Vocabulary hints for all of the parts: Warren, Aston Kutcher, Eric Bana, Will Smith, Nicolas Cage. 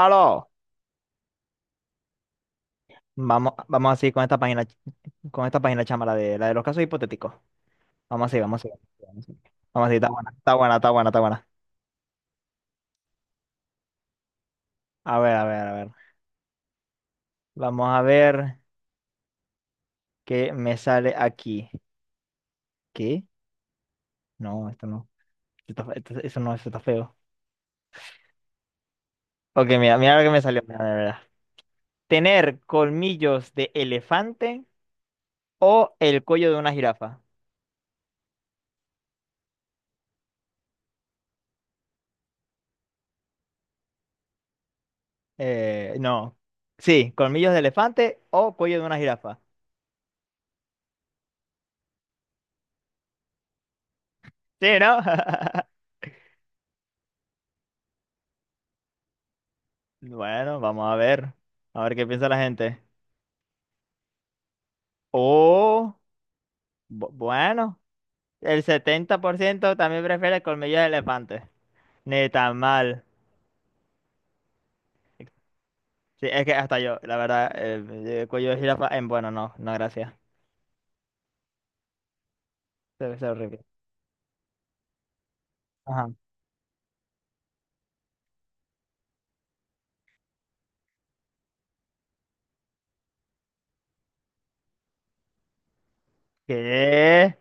Aló, vamos, vamos así con esta página chama, la de los casos hipotéticos. Vamos así, vamos así. Vamos así, vamos así, está buena, está buena, está buena, está buena. A ver, a ver, a ver. Vamos a ver qué me sale aquí. ¿Qué? No, esto no. Esto está fe- esto- Eso no, eso está feo. Ok, mira, mira lo que me salió, mira, mira, mira. ¿Tener colmillos de elefante o el cuello de una jirafa? No. Sí, colmillos de elefante o cuello de una jirafa. Sí, ¿no? Bueno, vamos a ver. A ver qué piensa la gente. Oh, bueno, el 70% también prefiere colmillos de elefante. Ni tan mal. Sí, es que hasta yo, la verdad, el, cuello de jirafa, bueno, no, no, gracias. Se ve horrible. Ajá. ¿Qué?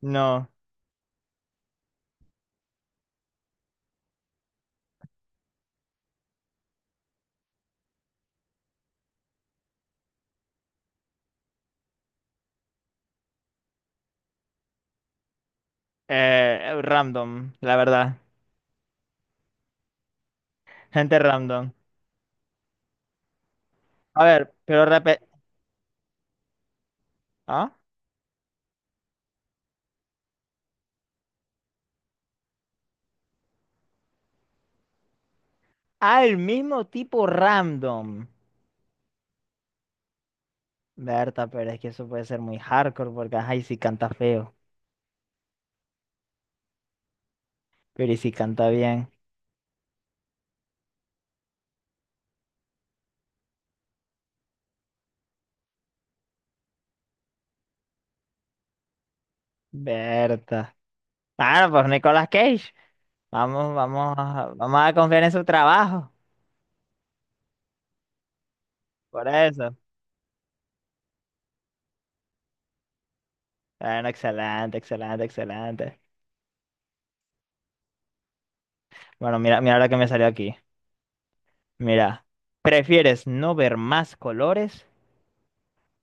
No. Random, la verdad. Gente random. A ver, pero repe... ¿Ah? Ah, el mismo tipo random. Berta, pero es que eso puede ser muy hardcore porque, ajá, y si canta feo. Pero ¿y si canta bien? Berta. Bueno, pues Nicolas Cage. Vamos, vamos, vamos a confiar en su trabajo. Por eso. Bueno, excelente, excelente, excelente. Bueno, mira, mira lo que me salió aquí. Mira, ¿prefieres no ver más colores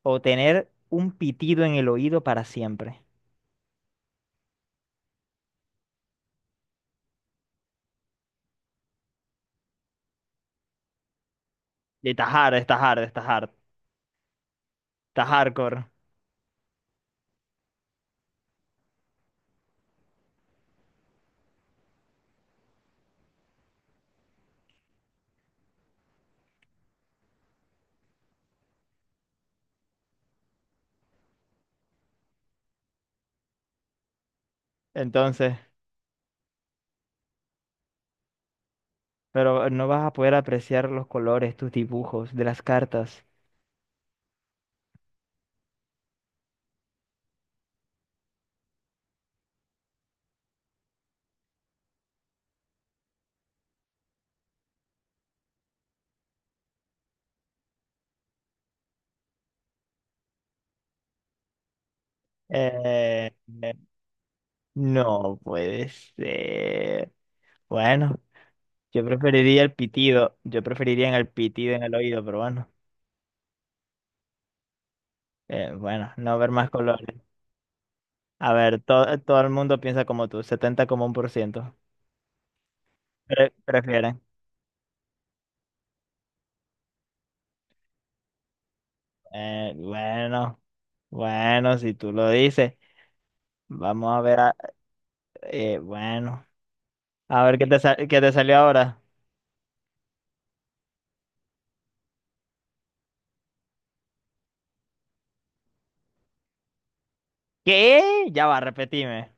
o tener un pitido en el oído para siempre? Y está hard, está hard, está hard, está hardcore. Entonces, pero no vas a poder apreciar los colores, tus dibujos de las cartas. Eh, eh, No puede ser. Bueno, yo preferiría el pitido. Yo preferiría en el pitido en el oído, pero bueno. Bueno, no ver más colores. A ver, todo el mundo piensa como tú, 70 como un por ciento. Prefieren. Eh, bueno, bueno, si tú lo dices. Vamos a ver, bueno. A ver qué te, qué te salió ahora. ¿Qué? Ya va, repetime.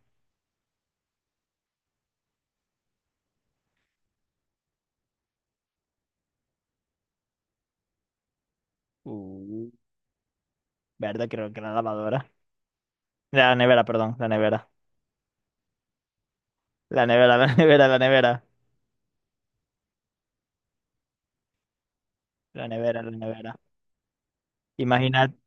Uh, verdad, creo que la lavadora. La nevera, perdón, la nevera. La nevera, la nevera, la nevera. La nevera, la nevera. Imagínate,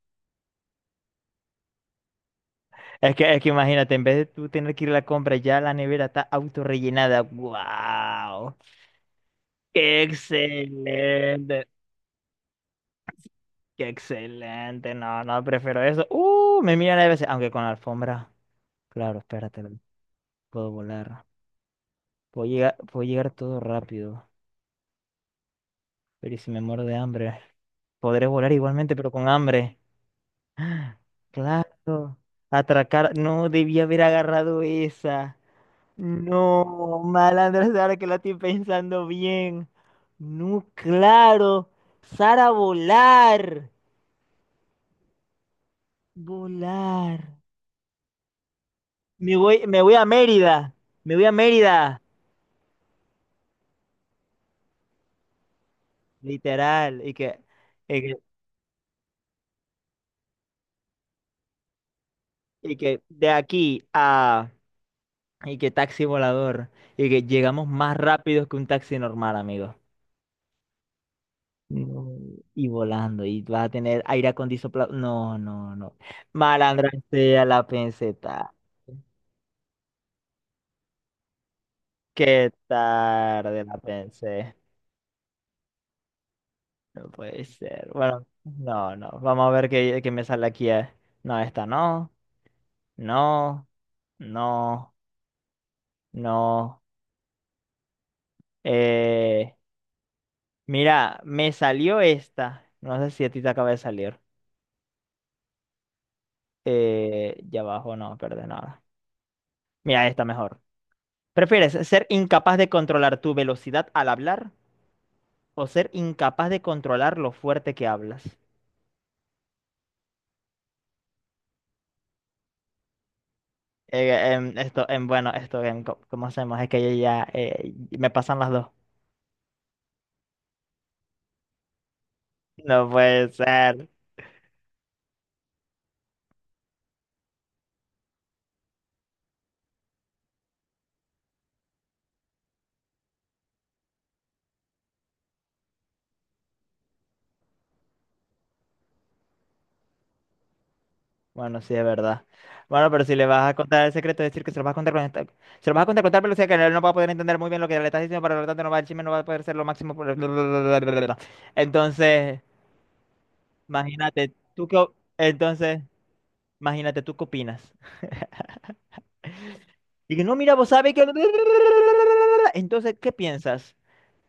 es que imagínate, en vez de tú tener que ir a la compra, ya la nevera está autorrellenada. ¡Wow! ¡Qué excelente! ¡Qué excelente! No, no, prefiero eso. ¡Uh! Me miran a veces, aunque con la alfombra. Claro, espérate, puedo volar. Puedo llegar todo rápido. Pero ¿y si me muero de hambre? Podré volar igualmente, pero con hambre. Claro. Atracar. No, debí haber agarrado esa. No, malandra ahora que lo estoy pensando bien. No, claro. Sara, volar. Volar. Me voy a Mérida. Me voy a Mérida. Literal. Y que, y que de aquí a. Y que taxi volador. Y que llegamos más rápido que un taxi normal, amigo. No, y volando. Y vas a tener aire acondicionado. No, no, no. Malandra sea la penseta. Qué tarde la pensé. No puede ser. Bueno, no, no. Vamos a ver qué, qué me sale aquí. No, esta no. No, no, no. Eh, mira, me salió esta. No sé si a ti te acaba de salir. Ya abajo no, perdón, nada. Mira, esta mejor. ¿Prefieres ser incapaz de controlar tu velocidad al hablar o ser incapaz de controlar lo fuerte que hablas? Esto, bueno, esto, ¿cómo hacemos? Es que yo ya me pasan las dos. No puede ser. Bueno, sí, es verdad. Bueno, pero si le vas a contar el secreto, es decir que se lo vas a contar con se lo vas a contar con tal velocidad que él no va a poder entender muy bien lo que le estás diciendo, pero lo tanto no va, el chisme no va a poder ser lo máximo. Entonces, imagínate, tú qué, entonces, imagínate, ¿tú qué opinas? Dije, no, mira, vos sabés que... Entonces, ¿qué piensas?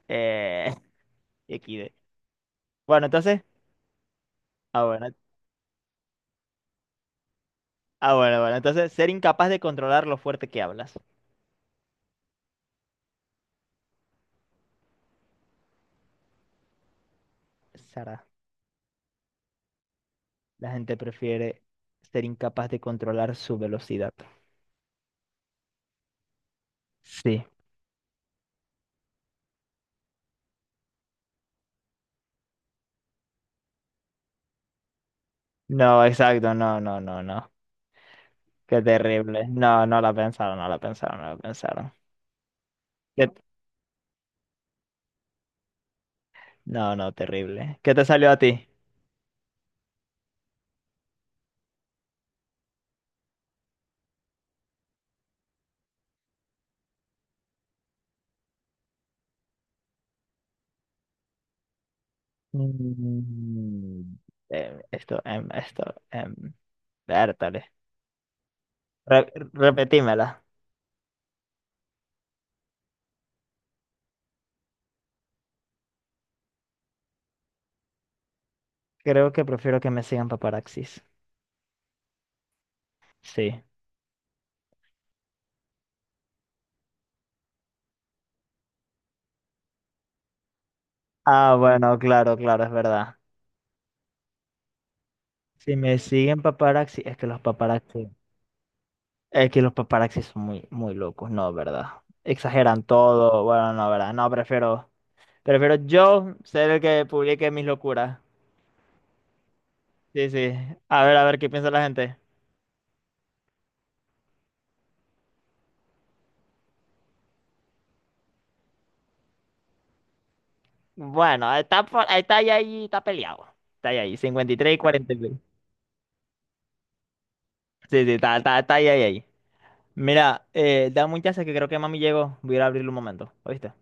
Eh, XD. Bueno, entonces, ah, bueno, Ah, bueno. Entonces, ser incapaz de controlar lo fuerte que hablas. Sara, la gente prefiere ser incapaz de controlar su velocidad. Sí. No, exacto. No, no, no, no. Qué terrible. No, no la pensaron, no la pensaron, no la pensaron. ¿Qué t- No, no, terrible. ¿Qué te salió a ti? Mm, esto, esto, em, vértale. Repetímela. Creo que prefiero que me sigan paparaxis. Sí. Ah, bueno, claro, claro, es verdad. Si me siguen paparazzi, es que los paparazzi son muy, muy locos, no, ¿verdad? Exageran todo, bueno, no, ¿verdad? No, prefiero yo ser el que publique mis locuras. Sí, sí. A ver qué piensa la gente. Bueno, está, está ahí, ahí, está peleado. Está ahí, ahí, 53 y 46. Sí, sí, está, está, está ahí, ahí, ahí. Mira, dame un chance que creo que mami llegó. Voy a ir a abrirle un momento, ¿oíste?